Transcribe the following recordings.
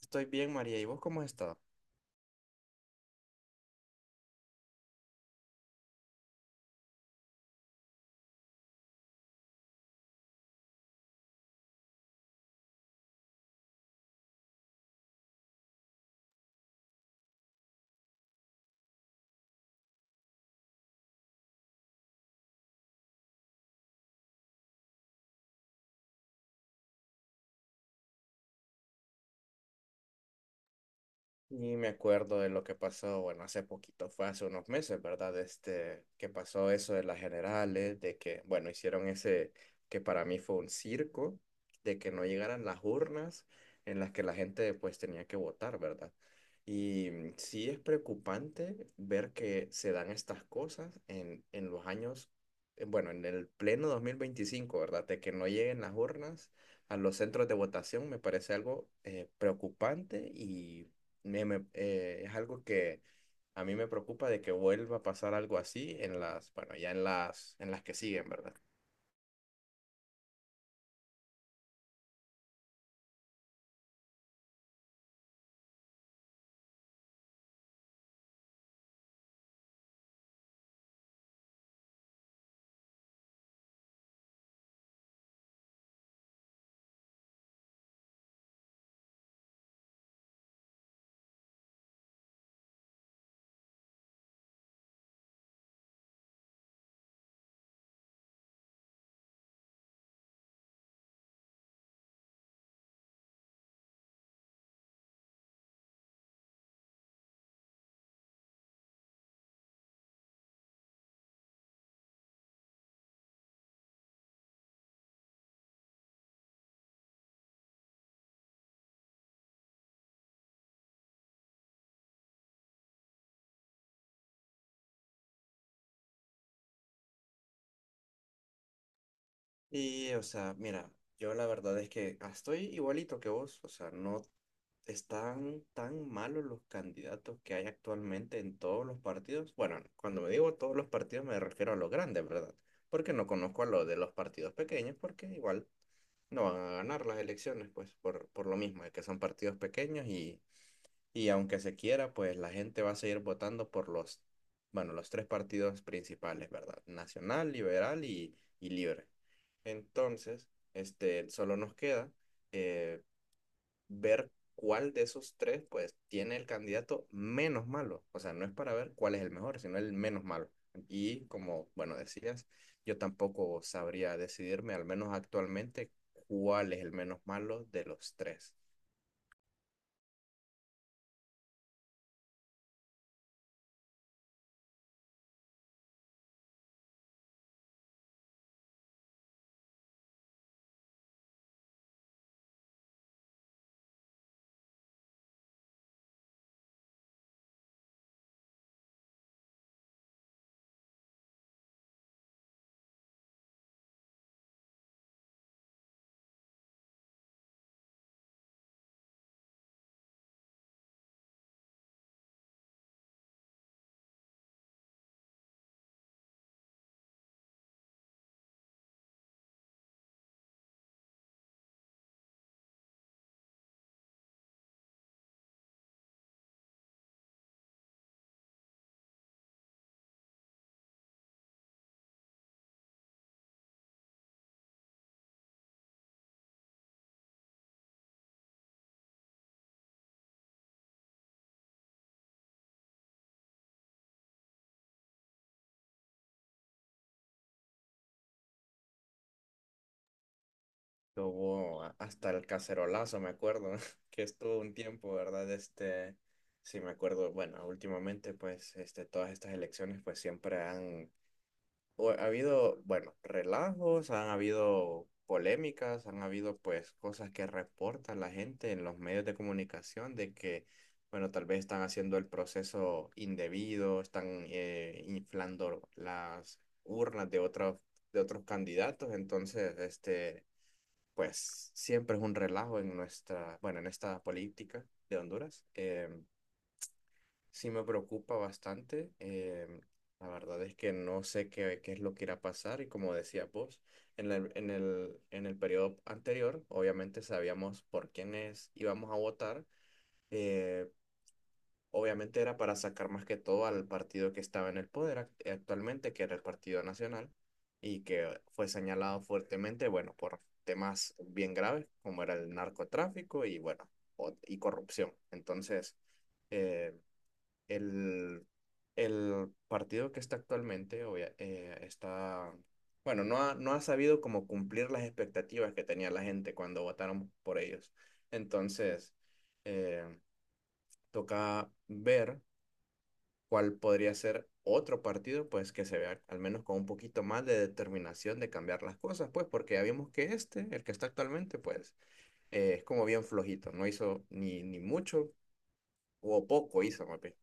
Estoy bien, María. ¿Y vos cómo has estado? Y me acuerdo de lo que pasó, bueno, hace poquito, fue hace unos meses, ¿verdad? Este, que pasó eso de las generales, de que, bueno, hicieron ese, que para mí fue un circo, de que no llegaran las urnas en las que la gente pues tenía que votar, ¿verdad? Y sí es preocupante ver que se dan estas cosas en los años, bueno, en el pleno 2025, ¿verdad? De que no lleguen las urnas a los centros de votación me parece algo preocupante y es algo que a mí me preocupa de que vuelva a pasar algo así en las, bueno, ya en las que siguen, ¿verdad? Y, o sea, mira, yo la verdad es que estoy igualito que vos, o sea, no están tan malos los candidatos que hay actualmente en todos los partidos. Bueno, cuando me digo todos los partidos me refiero a los grandes, ¿verdad? Porque no conozco a los de los partidos pequeños, porque igual no van a ganar las elecciones, pues por lo mismo, de que son partidos pequeños y aunque se quiera, pues la gente va a seguir votando por los, bueno, los tres partidos principales, ¿verdad? Nacional, Liberal y Libre. Entonces, este, solo nos queda eh, ver cuál de esos tres, pues, tiene el candidato menos malo. O sea, no es para ver cuál es el mejor, sino el menos malo. Y como, bueno, decías, yo tampoco sabría decidirme, al menos actualmente, cuál es el menos malo de los tres. Que hubo hasta el cacerolazo, me acuerdo, que estuvo un tiempo, ¿verdad? Este, sí, me acuerdo, bueno, últimamente, pues, este, todas estas elecciones, pues, siempre han, o ha habido, bueno, relajos, han habido polémicas, han habido, pues, cosas que reporta la gente en los medios de comunicación de que, bueno, tal vez están haciendo el proceso indebido, están inflando las urnas de otros candidatos, entonces, este pues siempre es un relajo en nuestra, bueno, en esta política de Honduras. Sí me preocupa bastante. La verdad es que no sé qué es lo que irá a pasar y como decía vos, en el periodo anterior, obviamente sabíamos por quiénes íbamos a votar. eh, Obviamente era para sacar más que todo al partido que estaba en el poder actualmente, que era el Partido Nacional, y que fue señalado fuertemente, bueno, por temas bien graves, como era el narcotráfico y, bueno, y corrupción. Entonces, eh, el, el partido que está actualmente está, bueno, no ha sabido como cumplir las expectativas que tenía la gente cuando votaron por ellos. Entonces, eh, toca ver cuál podría ser otro partido, pues que se vea al menos con un poquito más de determinación de cambiar las cosas, pues porque ya vimos que este, el que está actualmente, pues es como bien flojito, no hizo ni mucho o poco hizo, más bien.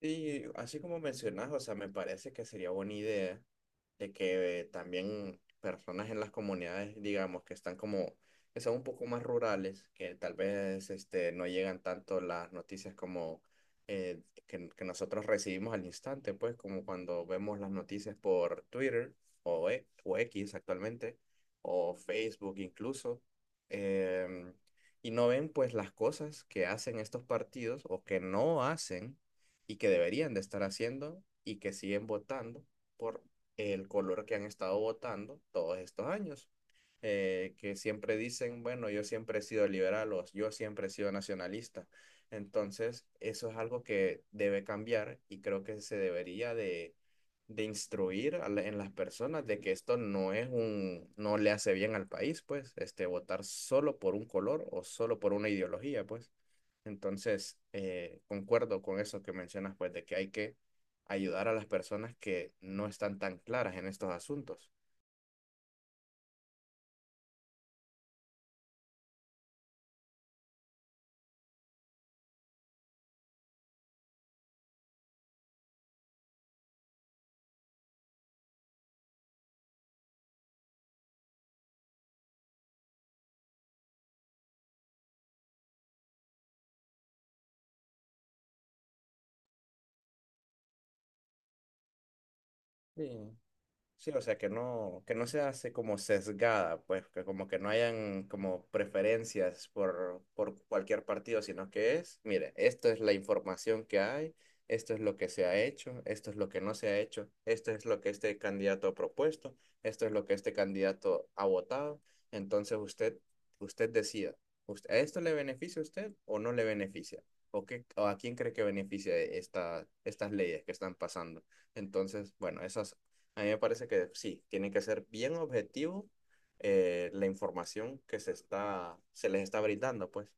Sí, así como mencionas, o sea, me parece que sería buena idea de que también personas en las comunidades, digamos, que están como, que son un poco más rurales, que tal vez este, no llegan tanto las noticias como que nosotros recibimos al instante, pues como cuando vemos las noticias por Twitter o X actualmente, o Facebook incluso. em, y no ven pues las cosas que hacen estos partidos o que no hacen y que deberían de estar haciendo y que siguen votando por el color que han estado votando todos estos años. Que siempre dicen, bueno, yo siempre he sido liberal o yo siempre he sido nacionalista. Entonces, eso es algo que debe cambiar y creo que se debería de instruir a en las personas de que esto no es un, no le hace bien al país, pues, este, votar solo por un color o solo por una ideología, pues. Entonces, concuerdo con eso que mencionas, pues, de que hay que ayudar a las personas que no están tan claras en estos asuntos. Sí. Sí, o sea, que no se hace como sesgada, pues, que como que no hayan como preferencias por cualquier partido, sino que es, mire, esto es la información que hay, esto es lo que se ha hecho, esto es lo que no se ha hecho, esto es lo que este candidato ha propuesto, esto es lo que este candidato ha votado. Entonces usted, usted decida. ¿A esto le beneficia a usted o no le beneficia? ¿O qué, o a quién cree que beneficia esta, estas leyes que están pasando? Entonces, bueno, esas a mí me parece que sí, tiene que ser bien objetivo, la información que se está, se les está brindando, pues.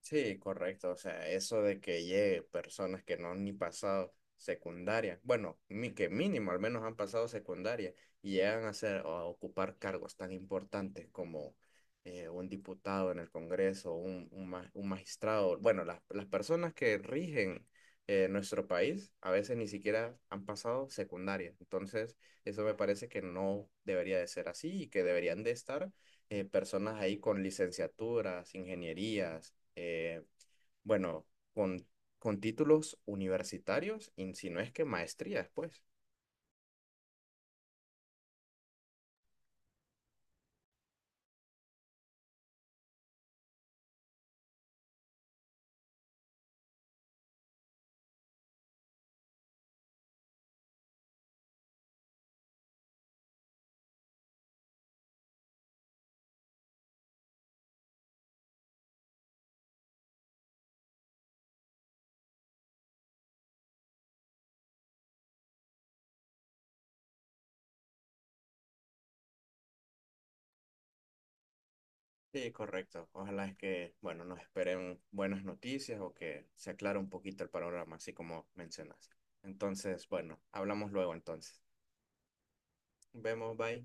Sí, correcto. O sea, eso de que llegue personas que no han ni pasado secundaria, bueno, que mínimo al menos han pasado secundaria y llegan a ser o a ocupar cargos tan importantes como un diputado en el Congreso, un magistrado. Bueno, las personas que rigen nuestro país a veces ni siquiera han pasado secundaria. Entonces, eso me parece que no debería de ser así y que deberían de estar personas ahí con licenciaturas, ingenierías, eh, bueno, con, con títulos universitarios, y si no es que maestrías, pues. Sí, correcto. Ojalá es que, bueno, nos esperen buenas noticias o que se aclare un poquito el panorama, así como mencionas. Entonces, bueno, hablamos luego entonces. Vemos, bye.